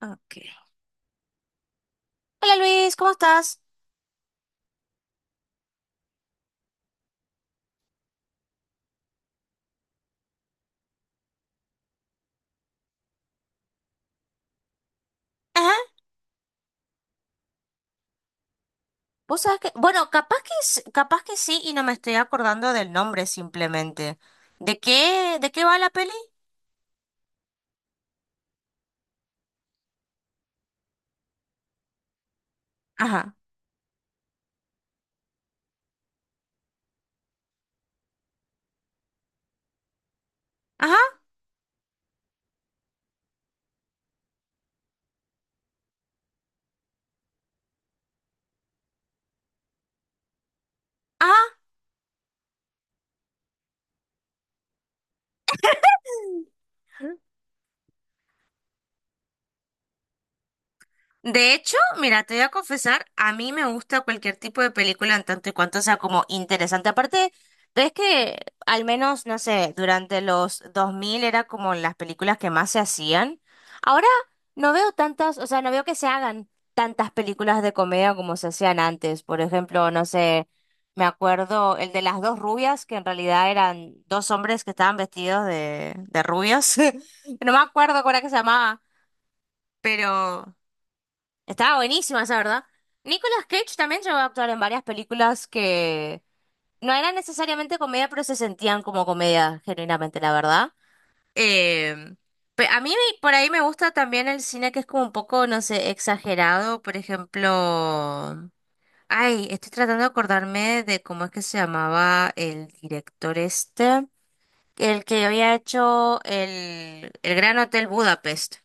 Ok. Hola Luis, ¿cómo estás? Ajá. Vos sabés que, bueno, capaz que sí y no me estoy acordando del nombre simplemente. ¿De qué va la peli? Ajá, ajá, ajá. De hecho, mira, te voy a confesar, a mí me gusta cualquier tipo de película en tanto y cuanto sea como interesante. Aparte, es que al menos, no sé, durante los 2000 era como las películas que más se hacían. Ahora no veo tantas, o sea, no veo que se hagan tantas películas de comedia como se hacían antes. Por ejemplo, no sé, me acuerdo el de las dos rubias, que en realidad eran dos hombres que estaban vestidos de rubios. No me acuerdo cuál era que se llamaba, pero... Estaba buenísima esa, ¿verdad? Nicolas Cage también llegó a actuar en varias películas que no eran necesariamente comedia, pero se sentían como comedia, genuinamente, la verdad. Eh, por ahí me gusta también el cine que es como un poco, no sé, exagerado. Por ejemplo, ay, estoy tratando de acordarme de cómo es que se llamaba el director este, el que había hecho el Gran Hotel Budapest.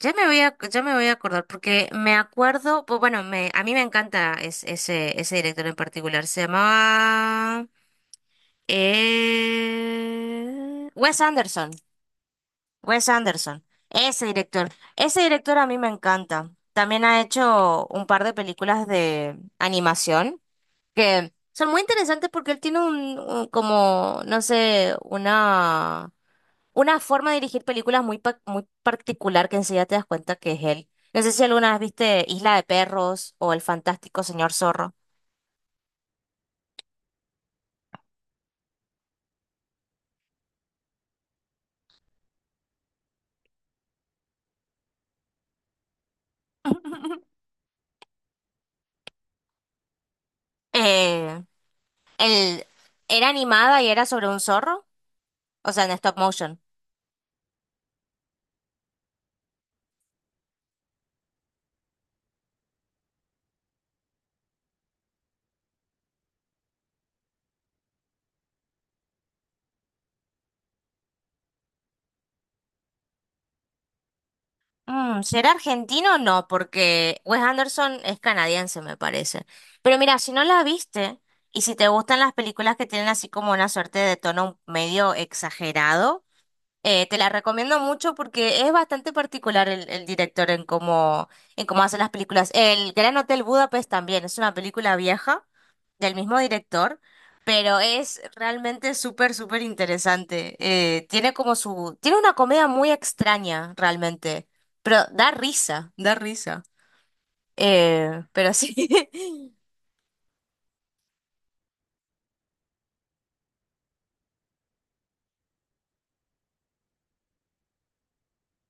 Ya me voy a acordar, porque me acuerdo, pues bueno, a mí me encanta ese director en particular. Se llamaba Wes Anderson. Wes Anderson. Ese director. Ese director a mí me encanta. También ha hecho un par de películas de animación que son muy interesantes porque él tiene como, no sé, una forma de dirigir películas muy, muy particular que enseguida te das cuenta que es él. No sé si alguna vez viste Isla de Perros o El Fantástico Señor Zorro. Eh, el era animada y era sobre un zorro, o sea, en stop motion. Mm, ¿será argentino o no? Porque Wes Anderson es canadiense, me parece. Pero mira, si no la viste y si te gustan las películas que tienen así como una suerte de tono medio exagerado, te la recomiendo mucho porque es bastante particular el director en cómo hace las películas. El Gran Hotel Budapest también es una película vieja del mismo director, pero es realmente súper, súper interesante. Tiene como su, tiene una comedia muy extraña realmente, pero da risa, da risa. Pero sí.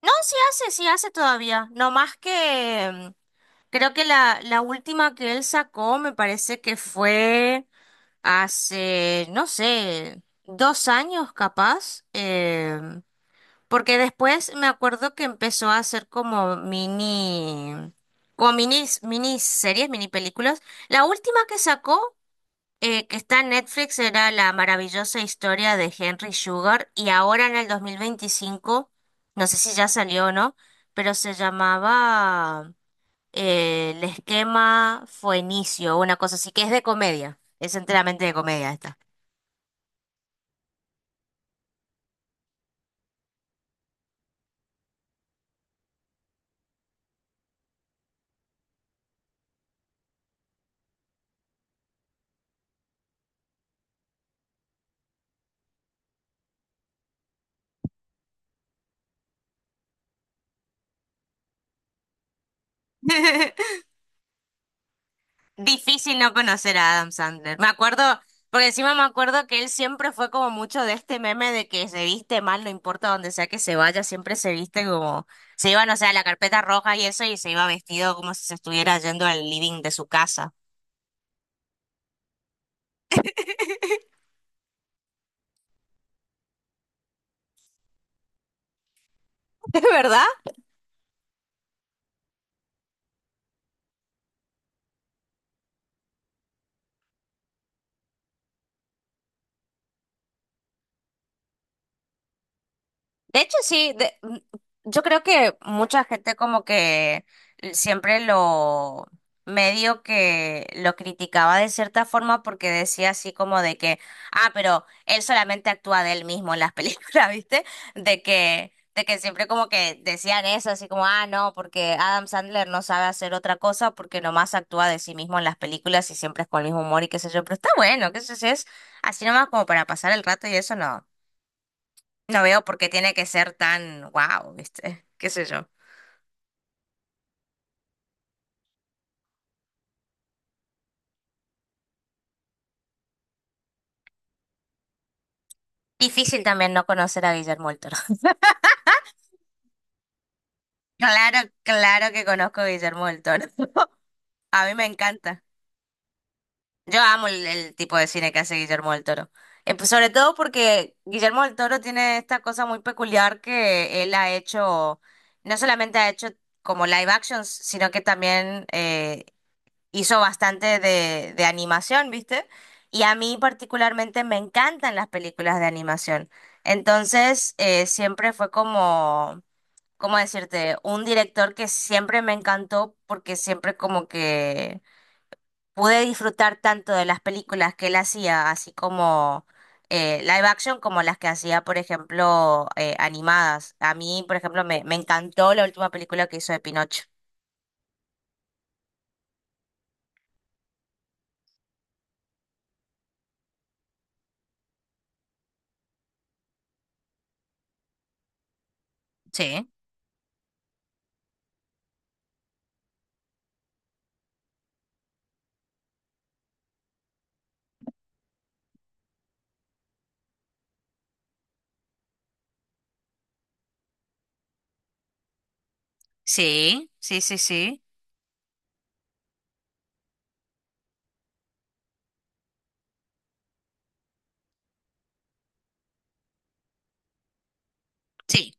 No, sí hace todavía. No más que creo que la última que él sacó me parece que fue. Hace, no sé, dos años capaz, porque después me acuerdo que empezó a hacer como mini, como minis, miniseries, mini películas. La última que sacó, que está en Netflix, era La maravillosa historia de Henry Sugar, y ahora en el 2025 no sé si ya salió o no, pero se llamaba El esquema fue inicio, una cosa así, que es de comedia, es enteramente de comedia esta. Difícil no conocer a Adam Sandler. Me acuerdo, porque encima me acuerdo que él siempre fue como mucho de este meme de que se viste mal, no importa donde sea que se vaya, siempre se viste como, se iba, no sé, a la carpeta roja y eso, y se iba vestido como si se estuviera yendo al living de su casa. ¿Es verdad? De hecho, sí, yo creo que mucha gente como que siempre lo medio que lo criticaba de cierta forma porque decía así como de que, ah, pero él solamente actúa de él mismo en las películas, ¿viste? De que siempre como que decían eso, así como, ah, no, porque Adam Sandler no sabe hacer otra cosa porque nomás actúa de sí mismo en las películas y siempre es con el mismo humor y qué sé yo, pero está bueno, qué sé yo, si es así nomás como para pasar el rato y eso no. No veo por qué tiene que ser tan wow, ¿viste? ¿Qué sé yo? Difícil también no conocer a Guillermo del Toro. Claro, claro que conozco a Guillermo del Toro. A mí me encanta. Yo amo el tipo de cine que hace Guillermo del Toro. Pues, sobre todo porque Guillermo del Toro tiene esta cosa muy peculiar que él ha hecho, no solamente ha hecho como live actions, sino que también hizo bastante de animación, ¿viste? Y a mí particularmente me encantan las películas de animación. Entonces, siempre fue como, ¿cómo decirte? Un director que siempre me encantó porque siempre como que pude disfrutar tanto de las películas que él hacía, así como live action, como las que hacía, por ejemplo, animadas. A mí, por ejemplo, me encantó la última película que hizo de Pinocho. Sí, sí, sí, sí, sí. Sí.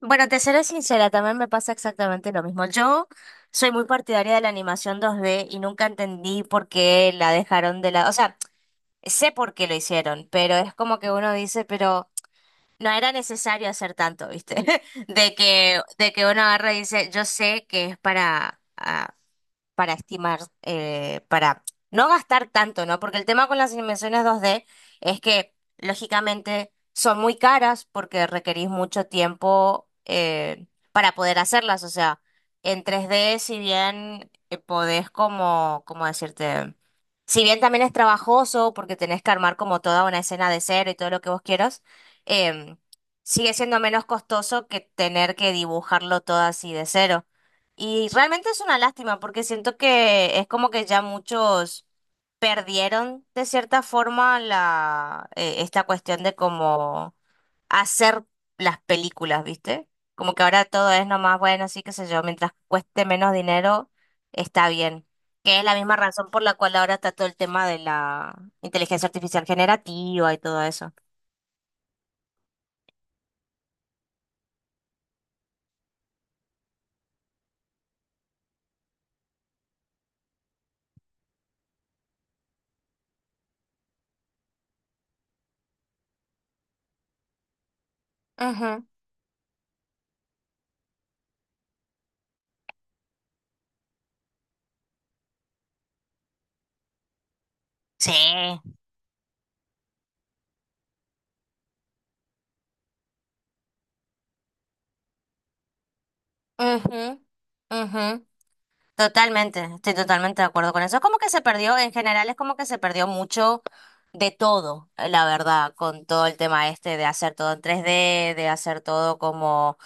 Bueno, te seré sincera, también me pasa exactamente lo mismo. Yo soy muy partidaria de la animación 2D y nunca entendí por qué la dejaron de lado. O sea, sé por qué lo hicieron, pero es como que uno dice, pero no era necesario hacer tanto, ¿viste? De que uno agarra y dice, yo sé que es para, ah, para estimar, para no gastar tanto, ¿no? Porque el tema con las impresiones 2D es que, lógicamente, son muy caras porque requerís mucho tiempo para poder hacerlas. O sea, en 3D si bien podés como, ¿cómo decirte? Si bien también es trabajoso porque tenés que armar como toda una escena de cero y todo lo que vos quieras, em, sigue siendo menos costoso que tener que dibujarlo todo así de cero. Y realmente es una lástima porque siento que es como que ya muchos perdieron de cierta forma esta cuestión de cómo hacer las películas, ¿viste? Como que ahora todo es nomás, bueno, sí, qué sé yo, mientras cueste menos dinero, está bien que es la misma razón por la cual ahora está todo el tema de la inteligencia artificial generativa y todo eso. Ujú. Sí. Ujú, ujú. Totalmente, estoy totalmente de acuerdo con eso. Es como que se perdió, en general es como que se perdió mucho de todo, la verdad, con todo el tema este de hacer todo en 3D de hacer todo como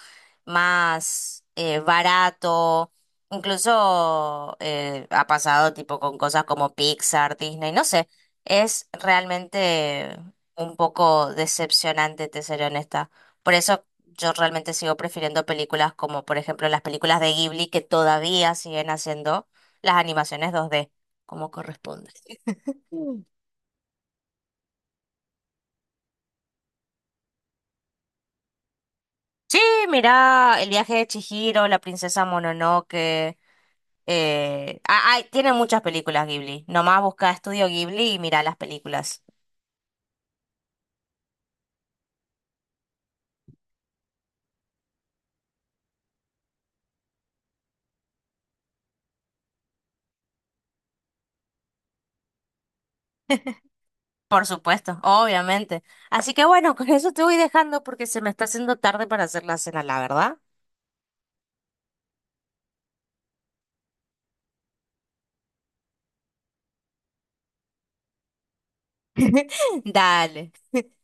más barato. Incluso ha pasado tipo con cosas como Pixar, Disney, no sé. Es realmente un poco decepcionante, te seré honesta. Por eso yo realmente sigo prefiriendo películas como, por ejemplo, las películas de Ghibli que todavía siguen haciendo las animaciones 2D, como corresponde. Mm. Sí, mira, El viaje de Chihiro, La princesa Mononoke. Ay, tiene muchas películas Ghibli. Nomás busca Estudio Ghibli y mira las películas. Por supuesto, obviamente. Así que bueno, con eso te voy dejando porque se me está haciendo tarde para hacer la cena, la verdad. Dale,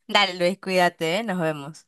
dale Luis, cuídate, ¿eh? Nos vemos.